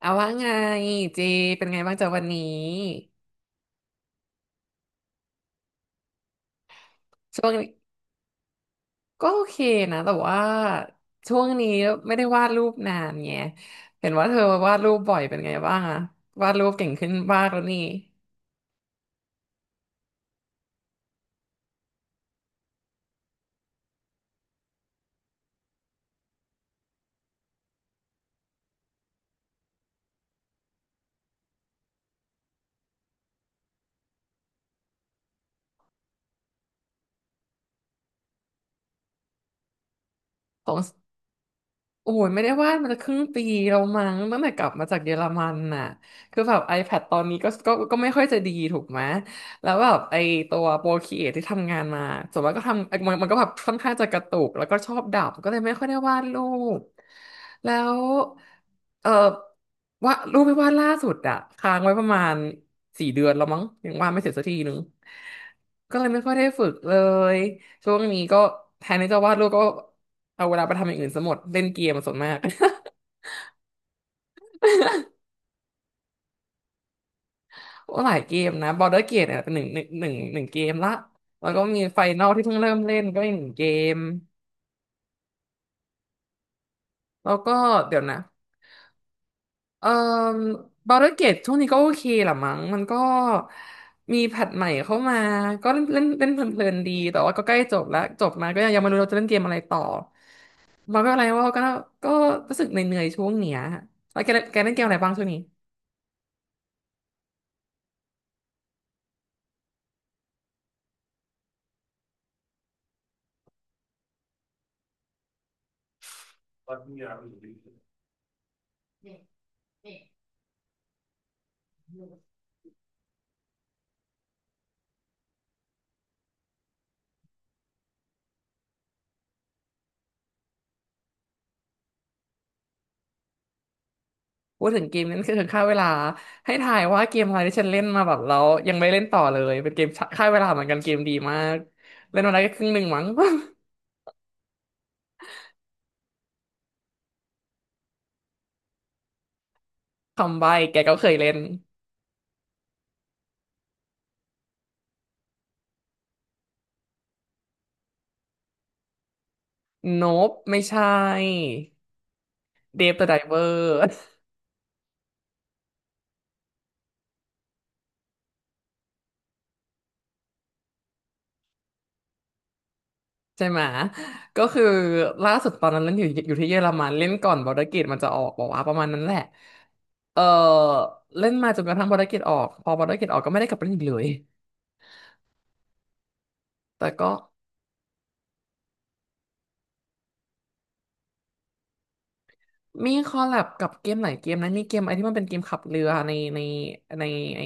เอาว่าไงเจเป็นไงบ้างจากวันนี้ช่วงนี้ก็โอเคนะแต่ว่าช่วงนี้ไม่ได้วาดรูปนานไงเห็นว่าเธอวาดรูปบ่อยเป็นไงบ้างอะวาดรูปเก่งขึ้นมากแล้วนี่ โอ้ยไม่ได้วาดมันจะครึ่งปีแล้วมั้งตั้งแต่กลับมาจากเยอรมันน่ะคือแบบ iPad ตอนนี้ก็ไม่ค่อยจะดีถูกไหมแล้วแบบไอตัวโปรครีเอทที่ทำงานมาส่วนมากก็ทำมันก็แบบค่อนข้างจะกระตุกแล้วก็ชอบดับก็เลยไม่ค่อยได้วาดรูปแล้วเออว่าดรูปที่วาดล่าสุดอะค้างไว้ประมาณสี่เดือนแล้วมั้งยังวาดไม่เสร็จสักทีนึงก็เลยไม่ค่อยได้ฝึกเลยช่วงนี้ก็แทนที่จะวาดรูปก็ เอาเวลาไปทำอย่างอื่นซะหมดเล่นเกมส่วนมาก โอ้หลายเกมนะ Border Gate เนี่ยเป็นหนึ่งเกมละแล้วก็มีไฟนอลที่เพิ่งเริ่มเล่นก็อีกหนึ่งเกมแล้วก็เดี๋ยวนะเอ่อ Border Gate ช่วงนี้ก็โอเคแหละมั้งมันก็มีแพทใหม่เข้ามาก็เล่นเล่นเล่นเพลินๆดีแต่ว่าก็ใกล้จบแล้วจบมาก็ยังไม่รู้เราจะเล่นเกมอะไรต่อมันก็อะไรว่าก็รู้สึกเหนื่อยๆช่วงเนี้ยแล้วแกเล่นเกมอะไรบ้างช่วงนี้ พูดถึงเกมนั้นคือค่าเวลาให้ถ่ายว่าเกมอะไรที่ฉันเล่นมาแบบแล้วยังไม่เล่นต่อเลยเป็นเกมค่าเวลาเหมือนกันเกมดีมาก เล่นมาได้แค่ครึ่งหนึ่งมั้ง คำใบ้แกก็เคยเล่นโนบไม่ใช่เดฟเดอะไดเวอร์ ใช่ไหมก็คือล่าสุดตอนนั้นเล่นอยู่ที่เยอรมันเล่นก่อนบอร์ดเกตมันจะออกบอกว่าประมาณนั้นแหละเออเล่นมาจนกระทั่งบอร์ดเกตออกพอบอร์ดเกตออกก็ไม่ได้กลับไปเล่นอีกเลยแต่ก็ มีคอลแลบกับเกมหลายเกมนะมีเกมอะไรที่มันเป็นเกมขับเรือในไอ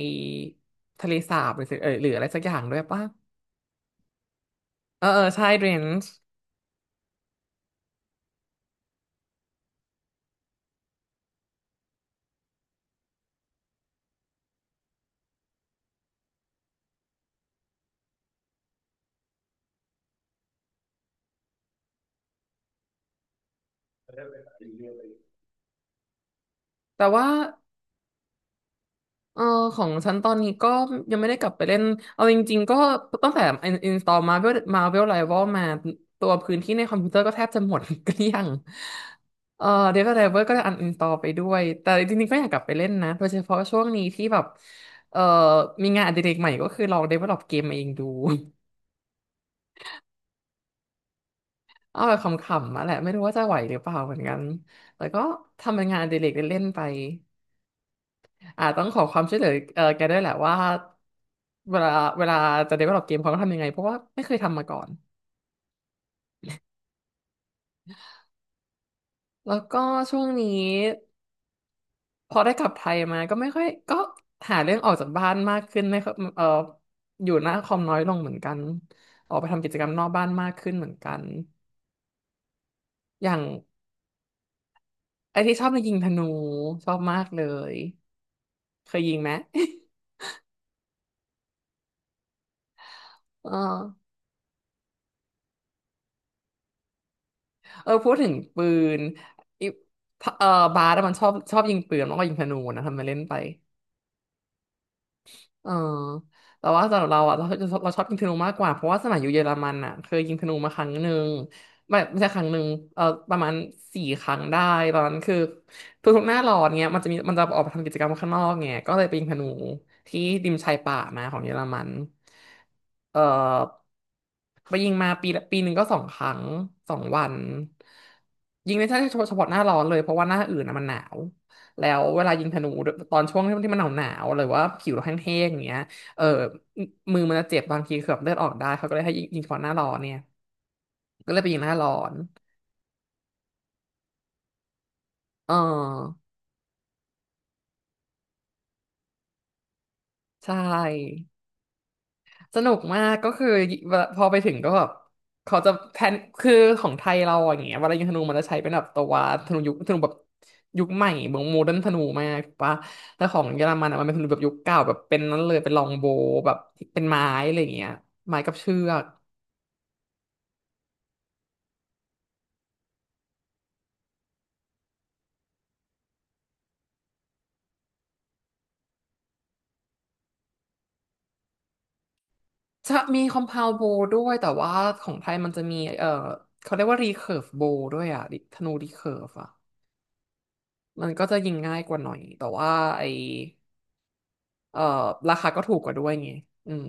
ทะเลสาบหรือสิหรืออะไรสักอย่างด้วยป่ะเออใช่เรนจ์แต่ว่าเออของฉันตอนนี้ก็ยังไม่ได้กลับไปเล่นเอาจริงๆก็ตั้งแต่อินสตอลมาเวลมาเวลไรวอลมาตัวพื้นที่ในคอมพิวเตอร์ก็แทบจะหมด เกลี้ยงเออเดฟไดเวอร์ก็ได้อันอินสตอลไปด้วยแต่จริงๆก็อยากกลับไปเล่นนะโดยเฉพาะช่วงนี้ที่แบบเออมีงานอดิเรกใหม่ก็คือลอง develop เวลลอปเกมเองดู เอาแบบขำๆมาแหละไม่รู้ว่าจะไหวหรือเปล่าเหมือนกันแต่ก็ทำเป็นงานอดิเรกเล่นๆไปอ่าต้องขอความช่วยเหลือแกด้วยแหละว่าเวลาเวลาจะ develop เกมเขาต้องทำยังไงเพราะว่าไม่เคยทำมาก่อนแล้วก็ช่วงนี้พอได้กลับไทยมาก็ไม่ค่อยก็หาเรื่องออกจากบ้านมากขึ้นไม่ค่อยอยู่หน้าคอมน้อยลงเหมือนกันออกไปทำกิจกรรมนอกบ้านมากขึ้นเหมือนกันอย่างไอ้ที่ชอบในะยิงธนูชอบมากเลยเคยยิงไหม เออ เออพูดถึงปืนอิเออบาสอะมันชอบยิงปืนแล้วก็ยิงธนูนะทำไมาเล่นไป เออแต่ว่าสำหรับเราอ่ะเราชอบยิงธนูมากกว่าเพราะว่าสมัยอยู่เยอรมันอ่ะเคยยิงธนูมาครั้งหนึ่งไม่ใช่ครั้งหนึ่งเออประมาณสี่ครั้งได้ตอนนั้นคือทุกๆหน้าร้อนเนี้ยมันจะออกไปทำกิจกรรมข้างนอกไงก็เลยไปยิงธนูที่ริมชายป่ามาของเยอรมันเออไปยิงมาปีละปีหนึ่งก็สองครั้งสองวันยิงในช่วงเฉพาะหน้าร้อนเลยเพราะว่าหน้าอื่นอ่ะมันหนาว แล้วเวลายิงธนูตอนช่วงที่มันหนาวหรือว่าผิวเราแห้งๆอย่างเงี้ยเออมือมันจะเจ็บบางทีเกือบเลือดออกได้เขาก็เลยให้ยิงเฉพาะหน้าร้อนเนี่ยก็เลยไปยิงหน้าร้อนเออใช่สนุกมากก็คือเวลาพอไปถึงก็แบบเขาจะแพลนคือของไทยเราอย่างเงี้ยเวลายิงธนูมันจะใช้เป็นแบบตัวธนูยุคธนูแบบยุคใหม่เหมือนโมเดิร์นธนูมากถูกปะแต่ของเยอรมันอะมันเป็นธนูแบบยุคเก่าแบบเป็นนั้นเลยเป็นลองโบว์แบบเป็นไม้อะไรอย่างเงี้ยไม้กับเชือก จะมีคอม p พ u ว d โบด้วยแต่ว่าของไทยมันจะมี เขาเรียกว่ารีเคิร์ฟโบด้วยอ่ะดิธนูรีเคิร์ฟอ่ะมันก็จะยิงง่ายกว่าหน่อยแต่ว่าไอเออราคาก็ถูกกว่าด้วยไงอืม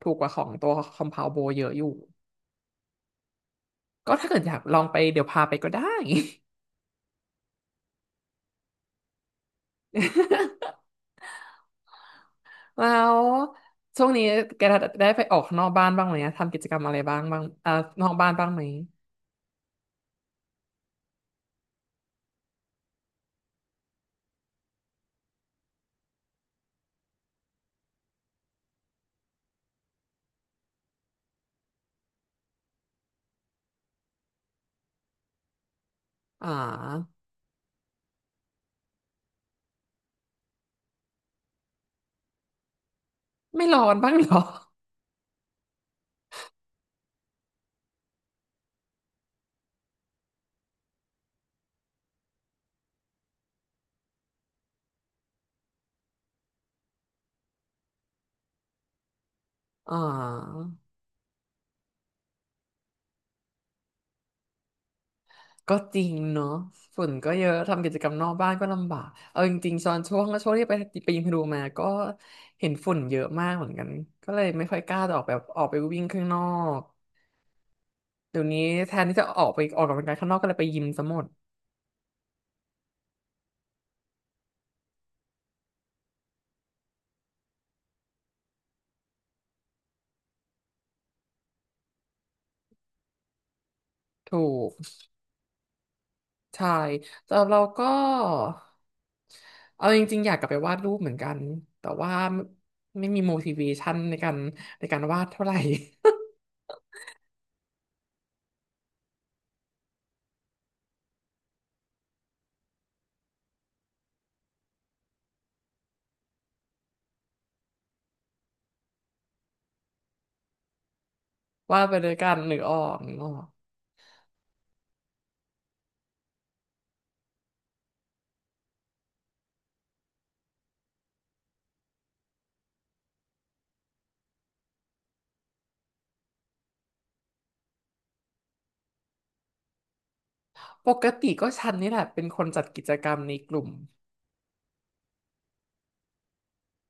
ถูกกว่าของตัวคอม p พ u ว d โบเยอะอยู่ก็ถ้าเกิดอยากลองไปเดี๋ยวพาไปก็ได้ แล้วช่วงนี้แกได้ไปออกข้างนอกบ้านบ้างไหมอะทำกิจกรรมอะไรบ้างบ้างอ่านอกบ้านบ้างไหมอ่าไม่ร้อนบ้าง เหรออ่า ก็จริงเนาะฝุ่นก็เยอะทำกิจกรรมนอกบ้านก็ลำบากเอาจริงๆตอนช่วงที่ไปไปยิมพารูมาก็เห็นฝุ่นเยอะมากเหมือนกันก็เลยไม่ค่อยกล้าจะออกแบบออกไปวิ่งข้างนอกเดี๋ยวนี้แทนที่จะออกไปออกกำลังกายข้างนอกก็เลยไปยิมซะหมดถูกใช่สำหรับเราก็เอาจริงๆอยากกลับไปวาดรูปเหมือนกันแต่ว่าไม่มี motivation ในการในการวาดเท่าไหร่ วาดไปด้วยกันหรือออกนึกออก ปกติก็ฉันนี่แหละเป็นคนจัดกิจกรรมในกลุ่ม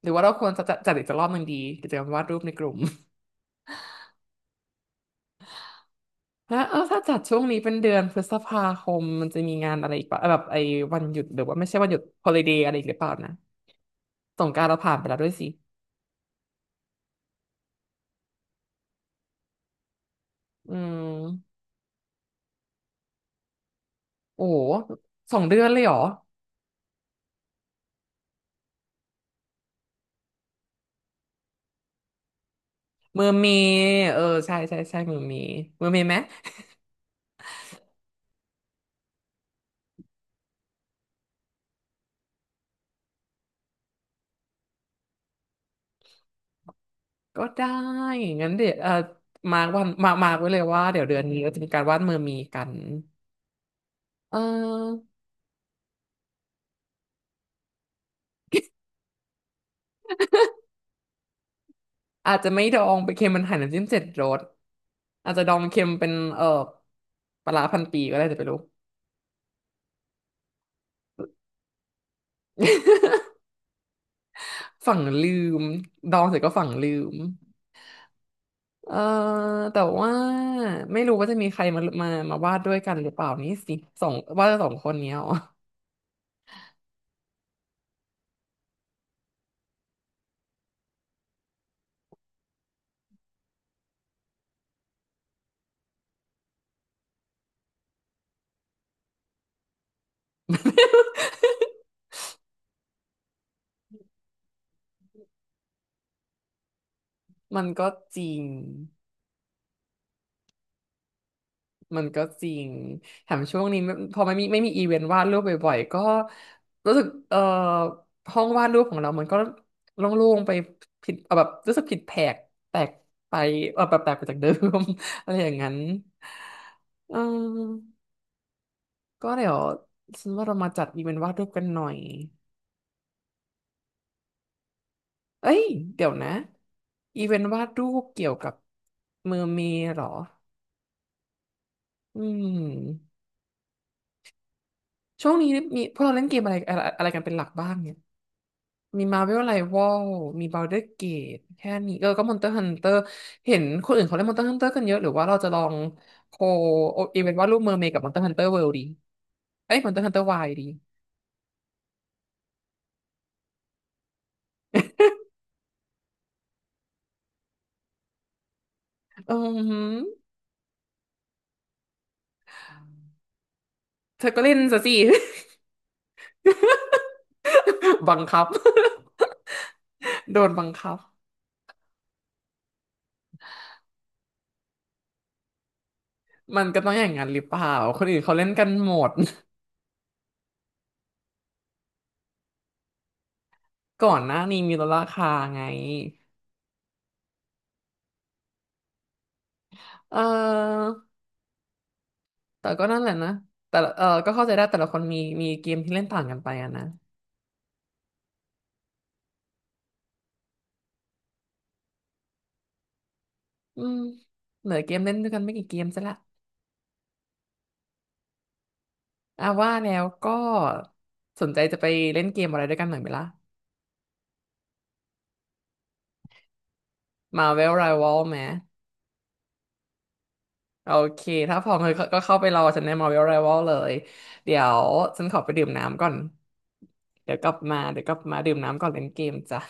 หรือว่าเราควรจะจัดอีกสักรอบหนึ่งดีกิจกรรมวาดรูปในกลุ่ม แล้วถ้าจัดช่วงนี้เป็นเดือนพฤษภาคมมันจะมีงานอะไรอีกปะแบบไอ้วันหยุดหรือว่าไม่ใช่วันหยุดฮอ l i d ด y อะไรอีกหรือเปล่านะสงกรานต์เราผ่านไปแล้วด้วยสิอืมโอ้โหสองเดือนเลยเหรอเมือเมย์ใช่เมือเมย์เมือเมย์ไหมก็ได้งั้นเดี๋ยวมาร์กวันมามาร์กไว้เลยว่าเดี๋ยวเดือนนี้เราจะมีการวาดเมือเมกันเออ อาจจะไม่ดองไปเค็มมันหั่นน้ำจิ้มเจ็ดรสอาจจะดองเค็มเป็นปลาร้าพันปีก็ได้แต่ไม่รู้ฝั่งลืมดองเสร็จก็ฝั่งลืมเออแต่ว่าไม่รู้ว่าจะมีใครมาวาดด้วยกันหรือเปล่านี่สิสองวาดสองคนเนี้ยอ๋อ มันก็จริง มันก็จริงแถมช่วงนี้ไม่พอไม่มีอีเวนต์วาดรูปบ่อยๆก็รู้สึกห้องวาดรูปของเรามันก็โล่งๆไปผิดแบบรู้สึกผิดแผกแตกไปแบบแตกไปจากเดิม อะไรอย่างนั้นเออก็เดี๋ยวฉันว่าเรามาจัดอีเวนต์วาดรูปกันหน่อยเอ้ยเดี๋ยวนะอีเวนต์วาดรูปเกี่ยวกับมือเมย์เหรออืมช่วงนี้มีพวกเราเล่นเกมอะไรอะไรอะไรกันเป็นหลักบ้างเนี่ย มีมา r v e l r i ว a l มี Baldur's Gate แค่นี้ก็ Monster Hunter เห็นคนอื่นเขาเล่น Monster Hunter กันเยอะหรือว่าเราจะลองโคเอเวนต์ว่าดรูปเมอร์เมดกับ Monster Hunter World ดีเอ้ย Monster Hunter Wilds ดีเออหือเธอก็เล่นซะสิ บังคับ โดนบังคับมันก็ต้องอย่างนั้นหรือเปล่าคนอื่นเขาเล่นกันหมด ก่อนหน้านี้มีลดราคาไงเออแต่ก็นั่นแหละนะแต่ละก็เข้าใจได้แต่ละคนมีมีเกมที่เล่นต่างกันไปอะนะอืมเหลือเกมเล่นด้วยกันไม่กี่เกมซะละ อ่ะว่าแล้วก็สนใจจะไปเล่นเกมอะไรด้วยกันหน่อยไหมล่ะ Marvel Rival ไหมโอเคถ้าพร้อมก็ก็เข้าไปรอฉันใน Marvel Rival เลยเดี๋ยวฉันขอไปดื่มน้ำก่อนเดี๋ยวกลับมาเดี๋ยวกลับมาดื่มน้ำก่อนเล่นเกมจ้ะ